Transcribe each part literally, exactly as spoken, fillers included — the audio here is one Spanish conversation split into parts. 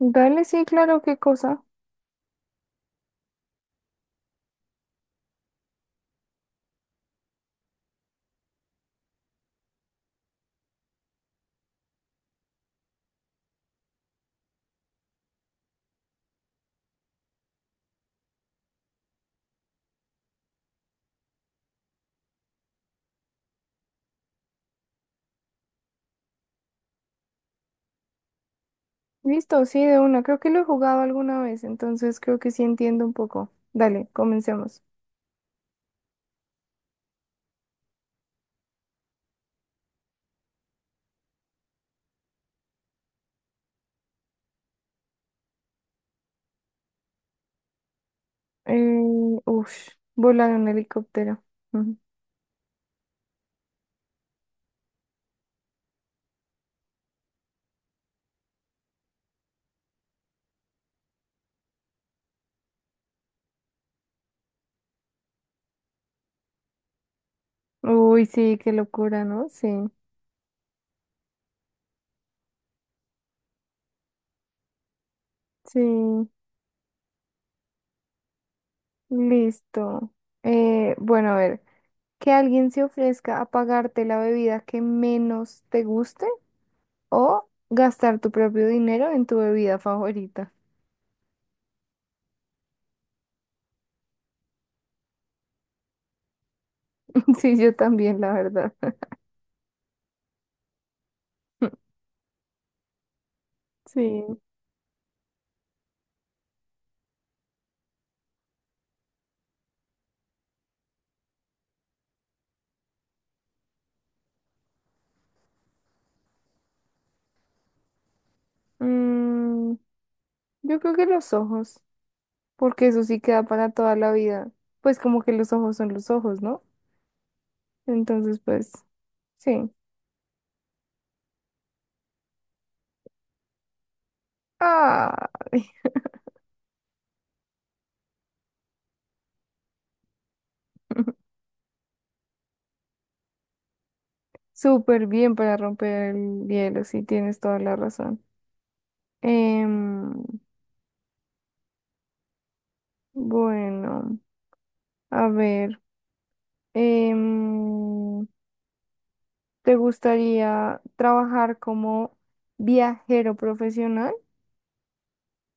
Dale, sí, claro, qué cosa. Listo, sí, de una. Creo que lo he jugado alguna vez, entonces creo que sí entiendo un poco. Dale, comencemos. Eh, ush, Volar en helicóptero. Ujú. Uy, sí, qué locura, ¿no? Sí, sí, listo. Eh, bueno, a ver, que alguien se ofrezca a pagarte la bebida que menos te guste o gastar tu propio dinero en tu bebida favorita. Sí, yo también, la verdad. Sí. Mm, Yo creo que los ojos, porque eso sí queda para toda la vida. Pues como que los ojos son los ojos, ¿no? Entonces, pues, sí. Ah, súper bien para romper el hielo, sí, tienes toda la razón. Em, bueno, a ver, em, ¿te gustaría trabajar como viajero profesional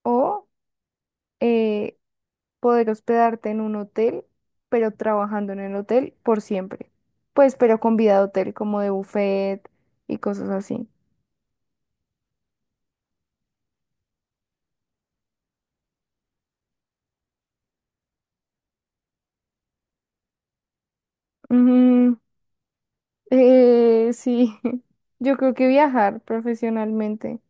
o eh, poder hospedarte en un hotel, pero trabajando en el hotel por siempre? Pues, pero con vida de hotel, como de buffet y cosas así. Mm, eh, sí, yo creo que viajar profesionalmente.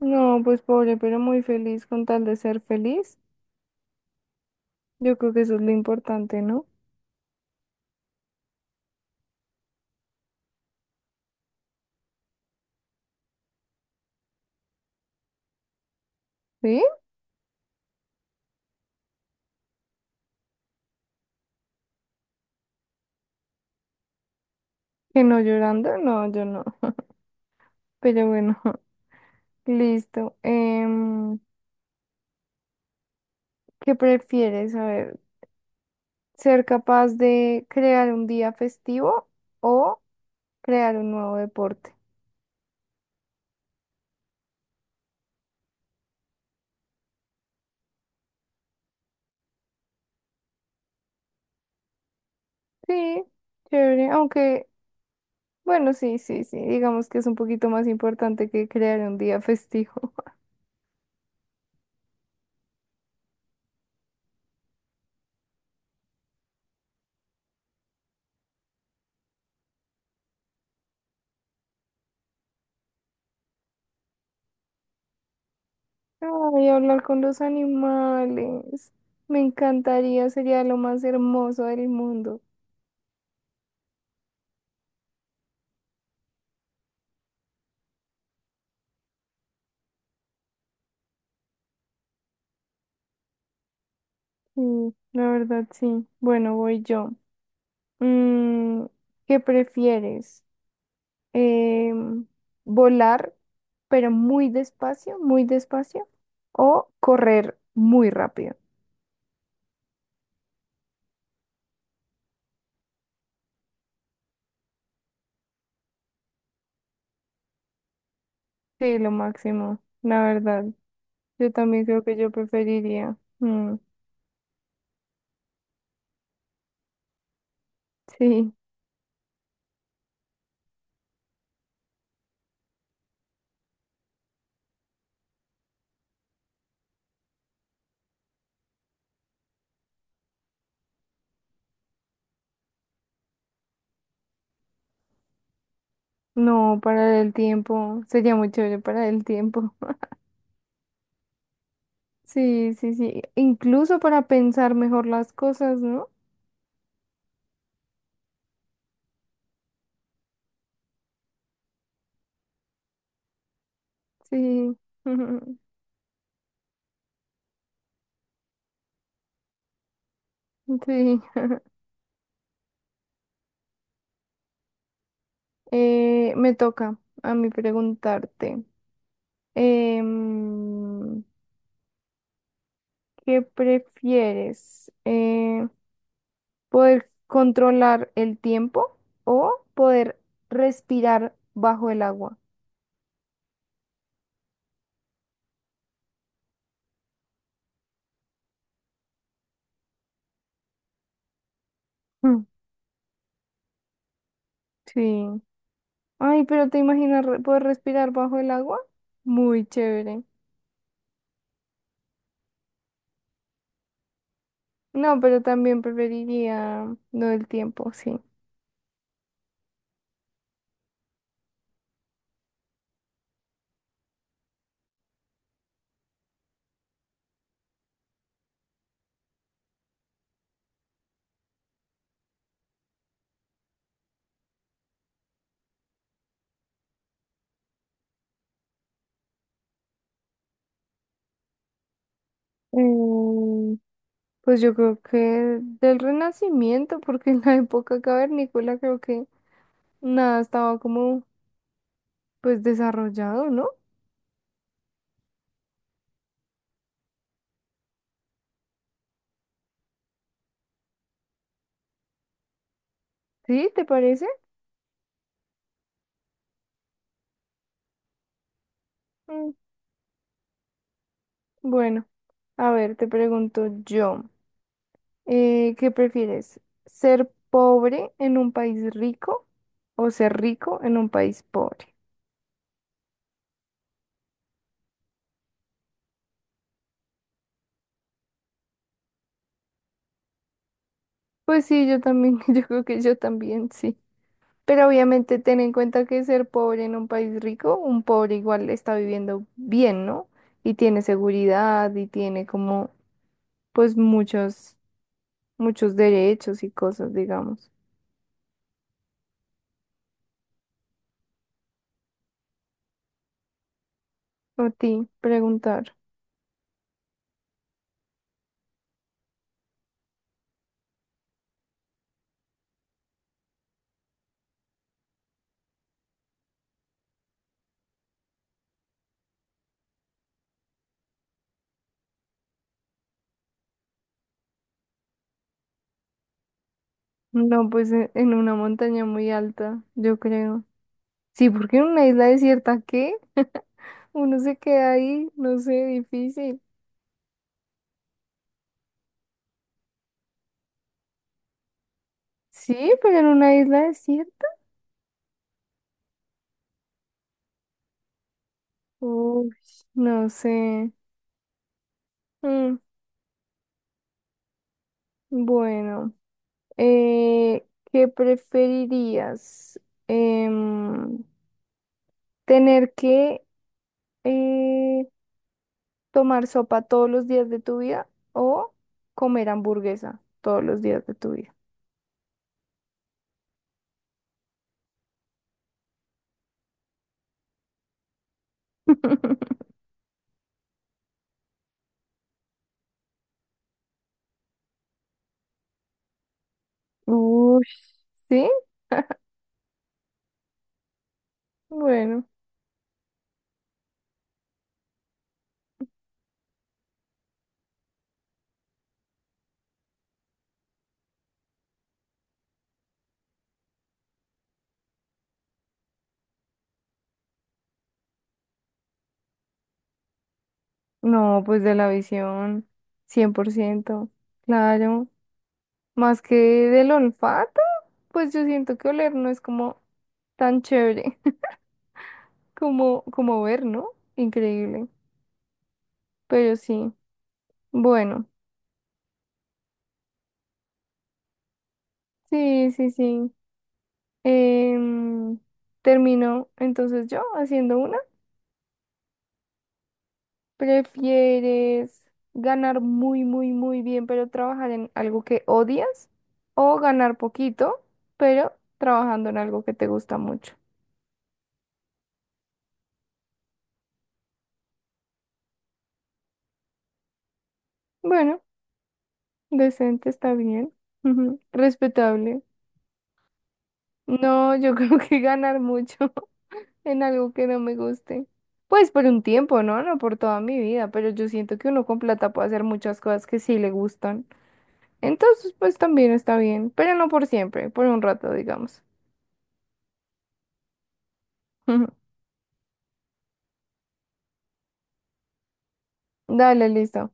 No, pues pobre, pero muy feliz con tal de ser feliz. Yo creo que eso es lo importante, ¿no? ¿Sí? Que no llorando, no, yo no. Pero bueno, listo. Em, ¿qué prefieres? A ver. Ser capaz de crear un día festivo o crear un nuevo deporte. Sí, chévere, aunque, bueno, sí, sí, sí, digamos que es un poquito más importante que crear un día festivo. Ay, hablar con los animales, me encantaría, sería lo más hermoso del mundo. Sí, la verdad, sí. Bueno, voy yo. Mm, ¿Qué prefieres? em, Volar, pero muy despacio, muy despacio, o correr muy rápido. Sí, lo máximo, la verdad. Yo también creo que yo preferiría. Mm, sí, no, para el tiempo. Sería muy chévere para el tiempo. Sí, sí, sí. Incluso para pensar mejor las cosas, ¿no? Sí. Sí. Eh, me toca a mí preguntarte. Em, ¿Qué prefieres? Eh, ¿poder controlar el tiempo o poder respirar bajo el agua? Mm, sí. Ay, pero ¿te imaginas re- poder respirar bajo el agua? Muy chévere. No, pero también preferiría lo del tiempo, sí. Mm, pues yo creo que del Renacimiento, porque en la época cavernícola creo que nada estaba como pues desarrollado, ¿no? ¿Sí? ¿Te parece? Bueno, a ver, te pregunto yo, eh, ¿qué prefieres? ¿Ser pobre en un país rico o ser rico en un país pobre? Pues sí, yo también, yo creo que yo también, sí. Pero obviamente ten en cuenta que ser pobre en un país rico, un pobre igual está viviendo bien, ¿no? Y tiene seguridad y tiene como, pues muchos, muchos derechos y cosas, digamos. A ti, preguntar. No, pues e- en una montaña muy alta, yo creo. Sí, porque en una isla desierta, ¿qué? Uno se queda ahí, no sé, difícil. Sí, pero en una isla desierta. Uy, no sé. Mm, bueno, eh, ¿qué preferirías? Em, ¿Tener que eh, tomar sopa todos los días de tu vida o comer hamburguesa todos los días de tu vida? Uy, sí, bueno. No, pues de la visión, cien por ciento claro. Más que del olfato, pues yo siento que oler no es como tan chévere como, como ver, ¿no? Increíble. Pero sí, bueno, sí, sí, sí. Em, Termino entonces yo haciendo una. ¿Prefieres ganar muy, muy, muy bien, pero trabajar en algo que odias? ¿O ganar poquito, pero trabajando en algo que te gusta mucho? Bueno. Decente está bien. Ujú. Respetable. No, yo creo que ganar mucho en algo que no me guste. Pues por un tiempo, ¿no? No por toda mi vida, pero yo siento que uno con plata puede hacer muchas cosas que sí le gustan. Entonces, pues también está bien, pero no por siempre, por un rato, digamos. Dale, listo,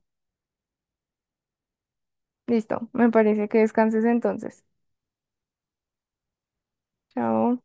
listo. Me parece que descanses entonces. Chao.